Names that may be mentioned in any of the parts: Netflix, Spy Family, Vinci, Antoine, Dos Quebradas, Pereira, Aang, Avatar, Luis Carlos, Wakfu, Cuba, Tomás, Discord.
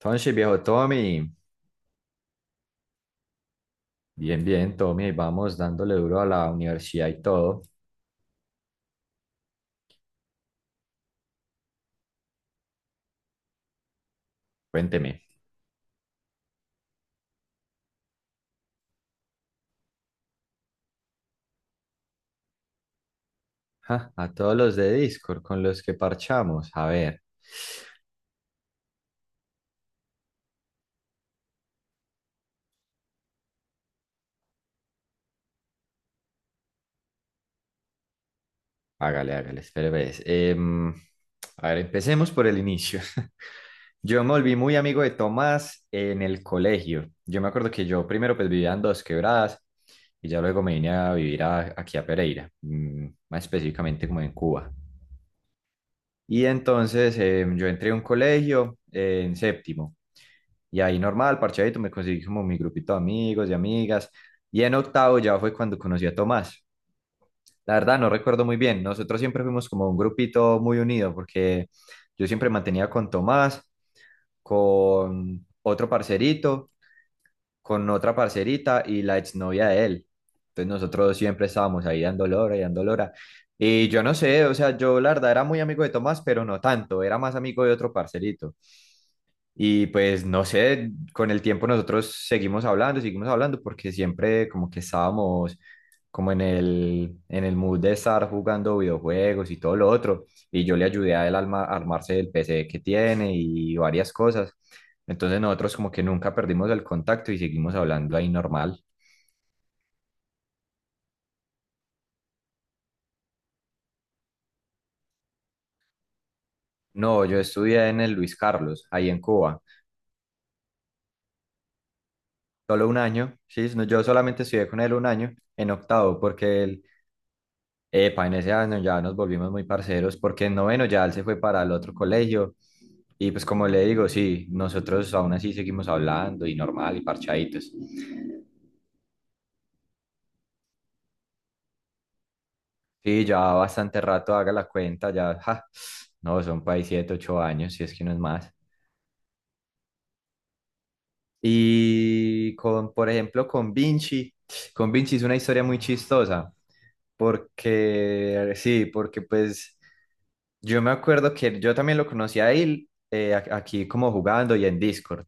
Entonces, viejo Tommy, bien, bien, Tommy, vamos dándole duro a la universidad y todo. Cuénteme, ja, a todos los de Discord con los que parchamos. A ver, hágale, hágale, espere, ves. A ver, empecemos por el inicio. Yo me volví muy amigo de Tomás en el colegio. Yo me acuerdo que yo primero pues vivía en Dos Quebradas y ya luego me vine a aquí a Pereira, mm, más específicamente como en Cuba. Y entonces yo entré a un colegio en séptimo. Y ahí normal, parchadito, me conseguí como mi grupito de amigos y amigas. Y en octavo ya fue cuando conocí a Tomás. La verdad no recuerdo muy bien. Nosotros siempre fuimos como un grupito muy unido porque yo siempre mantenía con Tomás, con otro parcerito, con otra parcerita y la exnovia de él. Entonces nosotros siempre estábamos ahí dando lora. Y yo no sé, o sea, yo la verdad era muy amigo de Tomás, pero no tanto, era más amigo de otro parcerito. Y pues no sé, con el tiempo nosotros seguimos hablando, porque siempre como que estábamos como en el mood de estar jugando videojuegos y todo lo otro. Y yo le ayudé a él a a armarse el PC que tiene y varias cosas. Entonces nosotros como que nunca perdimos el contacto y seguimos hablando ahí normal. No, yo estudié en el Luis Carlos, ahí en Cuba, solo un año, sí, no, yo solamente estudié con él un año en octavo, porque epa, en ese año ya nos volvimos muy parceros porque en noveno ya él se fue para el otro colegio y pues como le digo, sí, nosotros aún así seguimos hablando y normal y parchaditos. Sí, ya bastante rato haga la cuenta, ya, ja, no, son por ahí siete, ocho años, si es que no es más. Y con, por ejemplo, con Vinci es una historia muy chistosa porque, sí, porque pues yo me acuerdo que yo también lo conocí a él aquí como jugando y en Discord.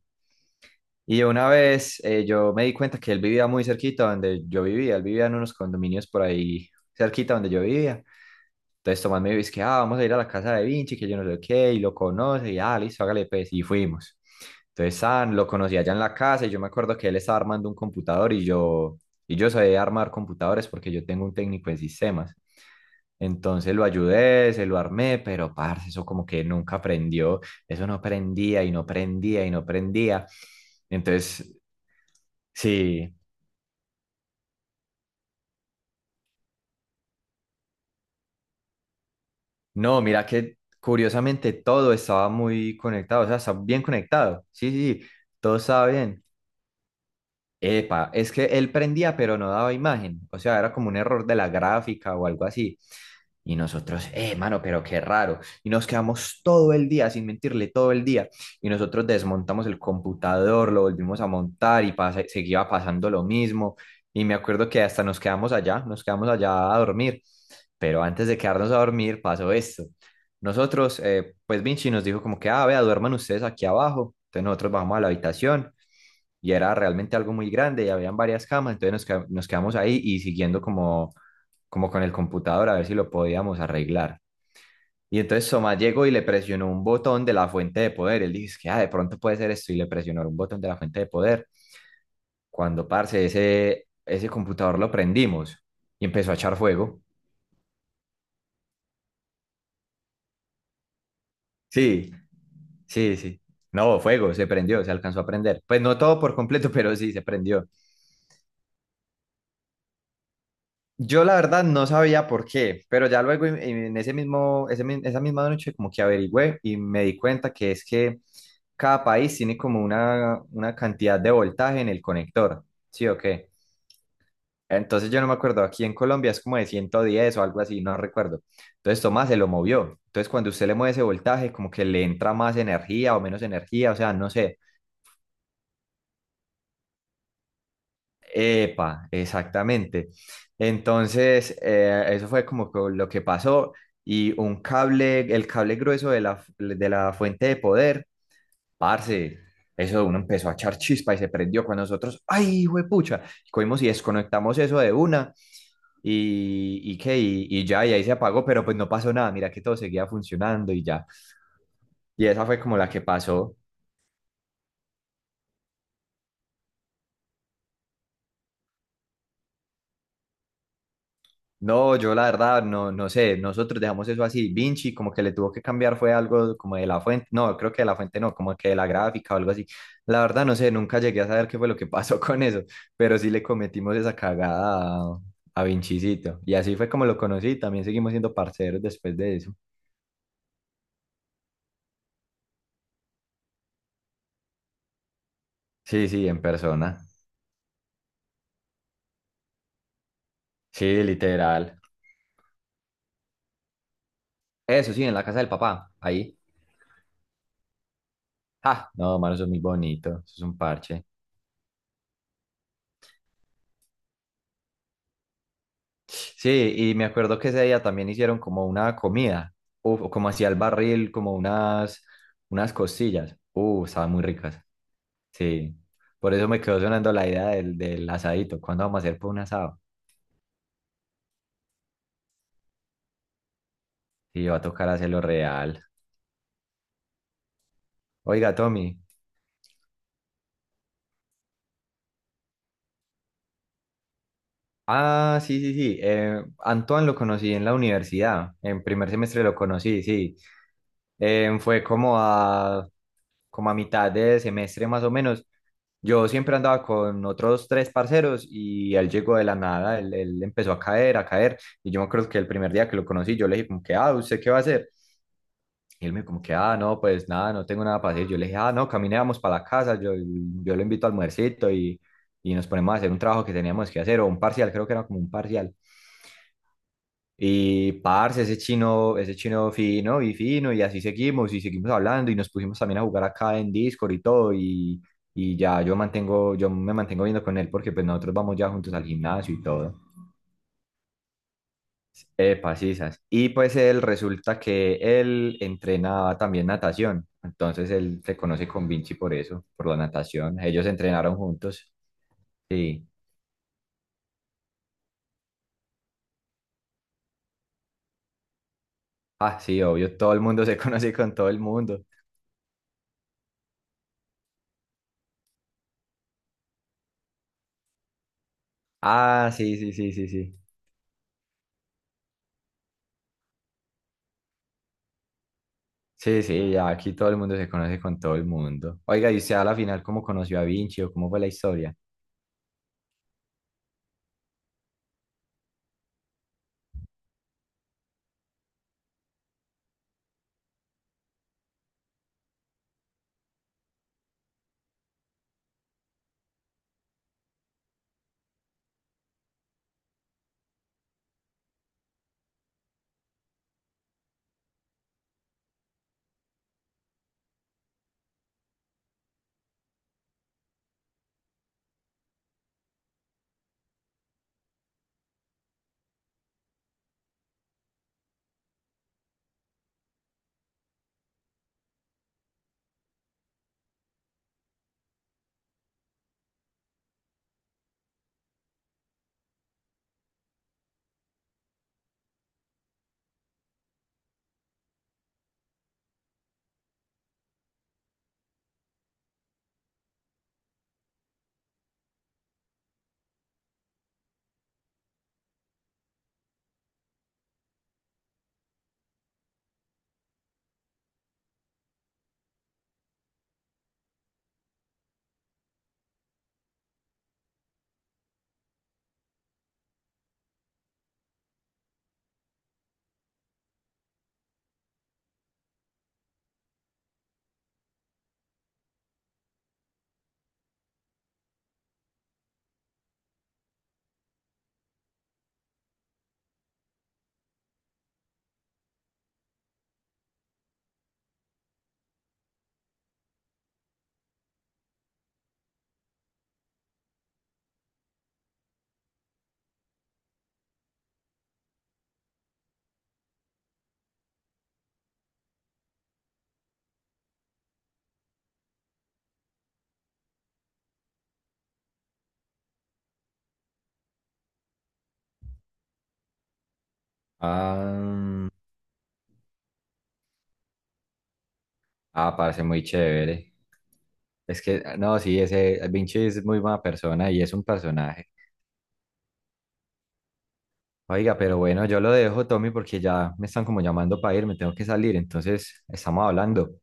Y una vez yo me di cuenta que él vivía muy cerquita donde yo vivía, él vivía en unos condominios por ahí cerquita donde yo vivía. Entonces Tomás me dice que ah, vamos a ir a la casa de Vinci, que yo no sé qué, y lo conoce, y ah, listo, hágale pues, y fuimos. Entonces San lo conocí allá en la casa y yo me acuerdo que él estaba armando un computador y yo sabía armar computadores porque yo tengo un técnico en sistemas. Entonces lo ayudé, se lo armé, pero parce, eso como que nunca aprendió, eso no prendía y no prendía y no prendía. Entonces sí, no, mira que curiosamente todo estaba muy conectado, o sea, está bien conectado. Sí, sí, sí, todo estaba bien. Epa, es que él prendía, pero no daba imagen, o sea, era como un error de la gráfica o algo así. Y nosotros, mano, pero qué raro. Y nos quedamos todo el día, sin mentirle, todo el día. Y nosotros desmontamos el computador, lo volvimos a montar y seguía pasando lo mismo. Y me acuerdo que hasta nos quedamos allá a dormir. Pero antes de quedarnos a dormir pasó esto. Nosotros, pues Vinci nos dijo como que, ah, vea, duerman ustedes aquí abajo. Entonces nosotros bajamos a la habitación y era realmente algo muy grande y habían varias camas. Entonces nos quedamos ahí y siguiendo como con el computador a ver si lo podíamos arreglar. Y entonces Soma llegó y le presionó un botón de la fuente de poder. Él dice que ah, de pronto puede ser esto y le presionó un botón de la fuente de poder. Cuando, parce, ese computador lo prendimos y empezó a echar fuego. Sí, sí, sí. No, fuego, se prendió, se alcanzó a prender. Pues no todo por completo, pero sí, se prendió. Yo la verdad no sabía por qué, pero ya luego en ese mismo, esa misma noche como que averigüé y me di cuenta que es que cada país tiene como una cantidad de voltaje en el conector, ¿sí o qué? Entonces yo no me acuerdo, aquí en Colombia es como de 110 o algo así, no recuerdo. Entonces Tomás se lo movió. Entonces cuando usted le mueve ese voltaje como que le entra más energía o menos energía, o sea, no sé. Epa, exactamente. Entonces, eso fue como lo que pasó y un cable, el cable grueso de la, de la fuente de poder, parce, eso uno empezó a echar chispa y se prendió con nosotros. ¡Ay, pucha! Cogimos y desconectamos eso de una y qué, y ya, y ahí se apagó, pero pues no pasó nada, mira que todo seguía funcionando y ya. Y esa fue como la que pasó. No, yo la verdad no, no sé, nosotros dejamos eso así. Vinci como que le tuvo que cambiar fue algo como de la fuente, no, creo que de la fuente no, como que de la gráfica o algo así. La verdad no sé, nunca llegué a saber qué fue lo que pasó con eso, pero sí le cometimos esa cagada a Vincicito. Y así fue como lo conocí, también seguimos siendo parceros después de eso. Sí, sí, en persona. Sí, literal. Eso sí, en la casa del papá, ahí. Ah, no, mano, eso es muy bonito, eso es un parche. Sí, y me acuerdo que ese día también hicieron como una comida, uf, o como hacía el barril, como unas costillas. Estaban muy ricas. Sí, por eso me quedó sonando la idea del asadito. ¿Cuándo vamos a hacer por un asado? Sí, va a tocar hacerlo real. Oiga, Tommy. Ah, sí, sí, sí. Antoine lo conocí en la universidad. En primer semestre lo conocí, sí. Fue como a mitad de semestre más o menos. Yo siempre andaba con otros tres parceros y él llegó de la nada, él empezó a caer, a caer. Y yo me acuerdo que el primer día que lo conocí, yo le dije como que, ah, ¿usted qué va a hacer? Y él me dijo como que, ah, no, pues nada, no tengo nada para hacer. Yo le dije, ah, no, caminábamos para la casa, yo lo invito a almuercito y nos ponemos a hacer un trabajo que teníamos que hacer, o un parcial, creo que era como un parcial. Y parce, ese chino fino y fino, y así seguimos, y seguimos hablando, y nos pusimos también a jugar acá en Discord y todo, y ya yo mantengo, yo me mantengo viendo con él porque pues nosotros vamos ya juntos al gimnasio y todo. Epa, sisas. Y pues él resulta que él entrenaba también natación, entonces él se conoce con Vinci por eso, por la natación. Ellos entrenaron juntos. Sí. Ah, sí, obvio, todo el mundo se conoce con todo el mundo. Ah, sí, sí, sí, sí, sí. Sí, sí, ya aquí todo el mundo se conoce con todo el mundo. Oiga, ¿y usted a la final cómo conoció a Vinci o cómo fue la historia? Ah, ah, parece muy chévere. Es que, no, sí, ese Vinci es muy buena persona y es un personaje. Oiga, pero bueno, yo lo dejo, Tommy, porque ya me están como llamando para ir, me tengo que salir, entonces estamos hablando.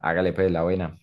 Hágale pues la buena.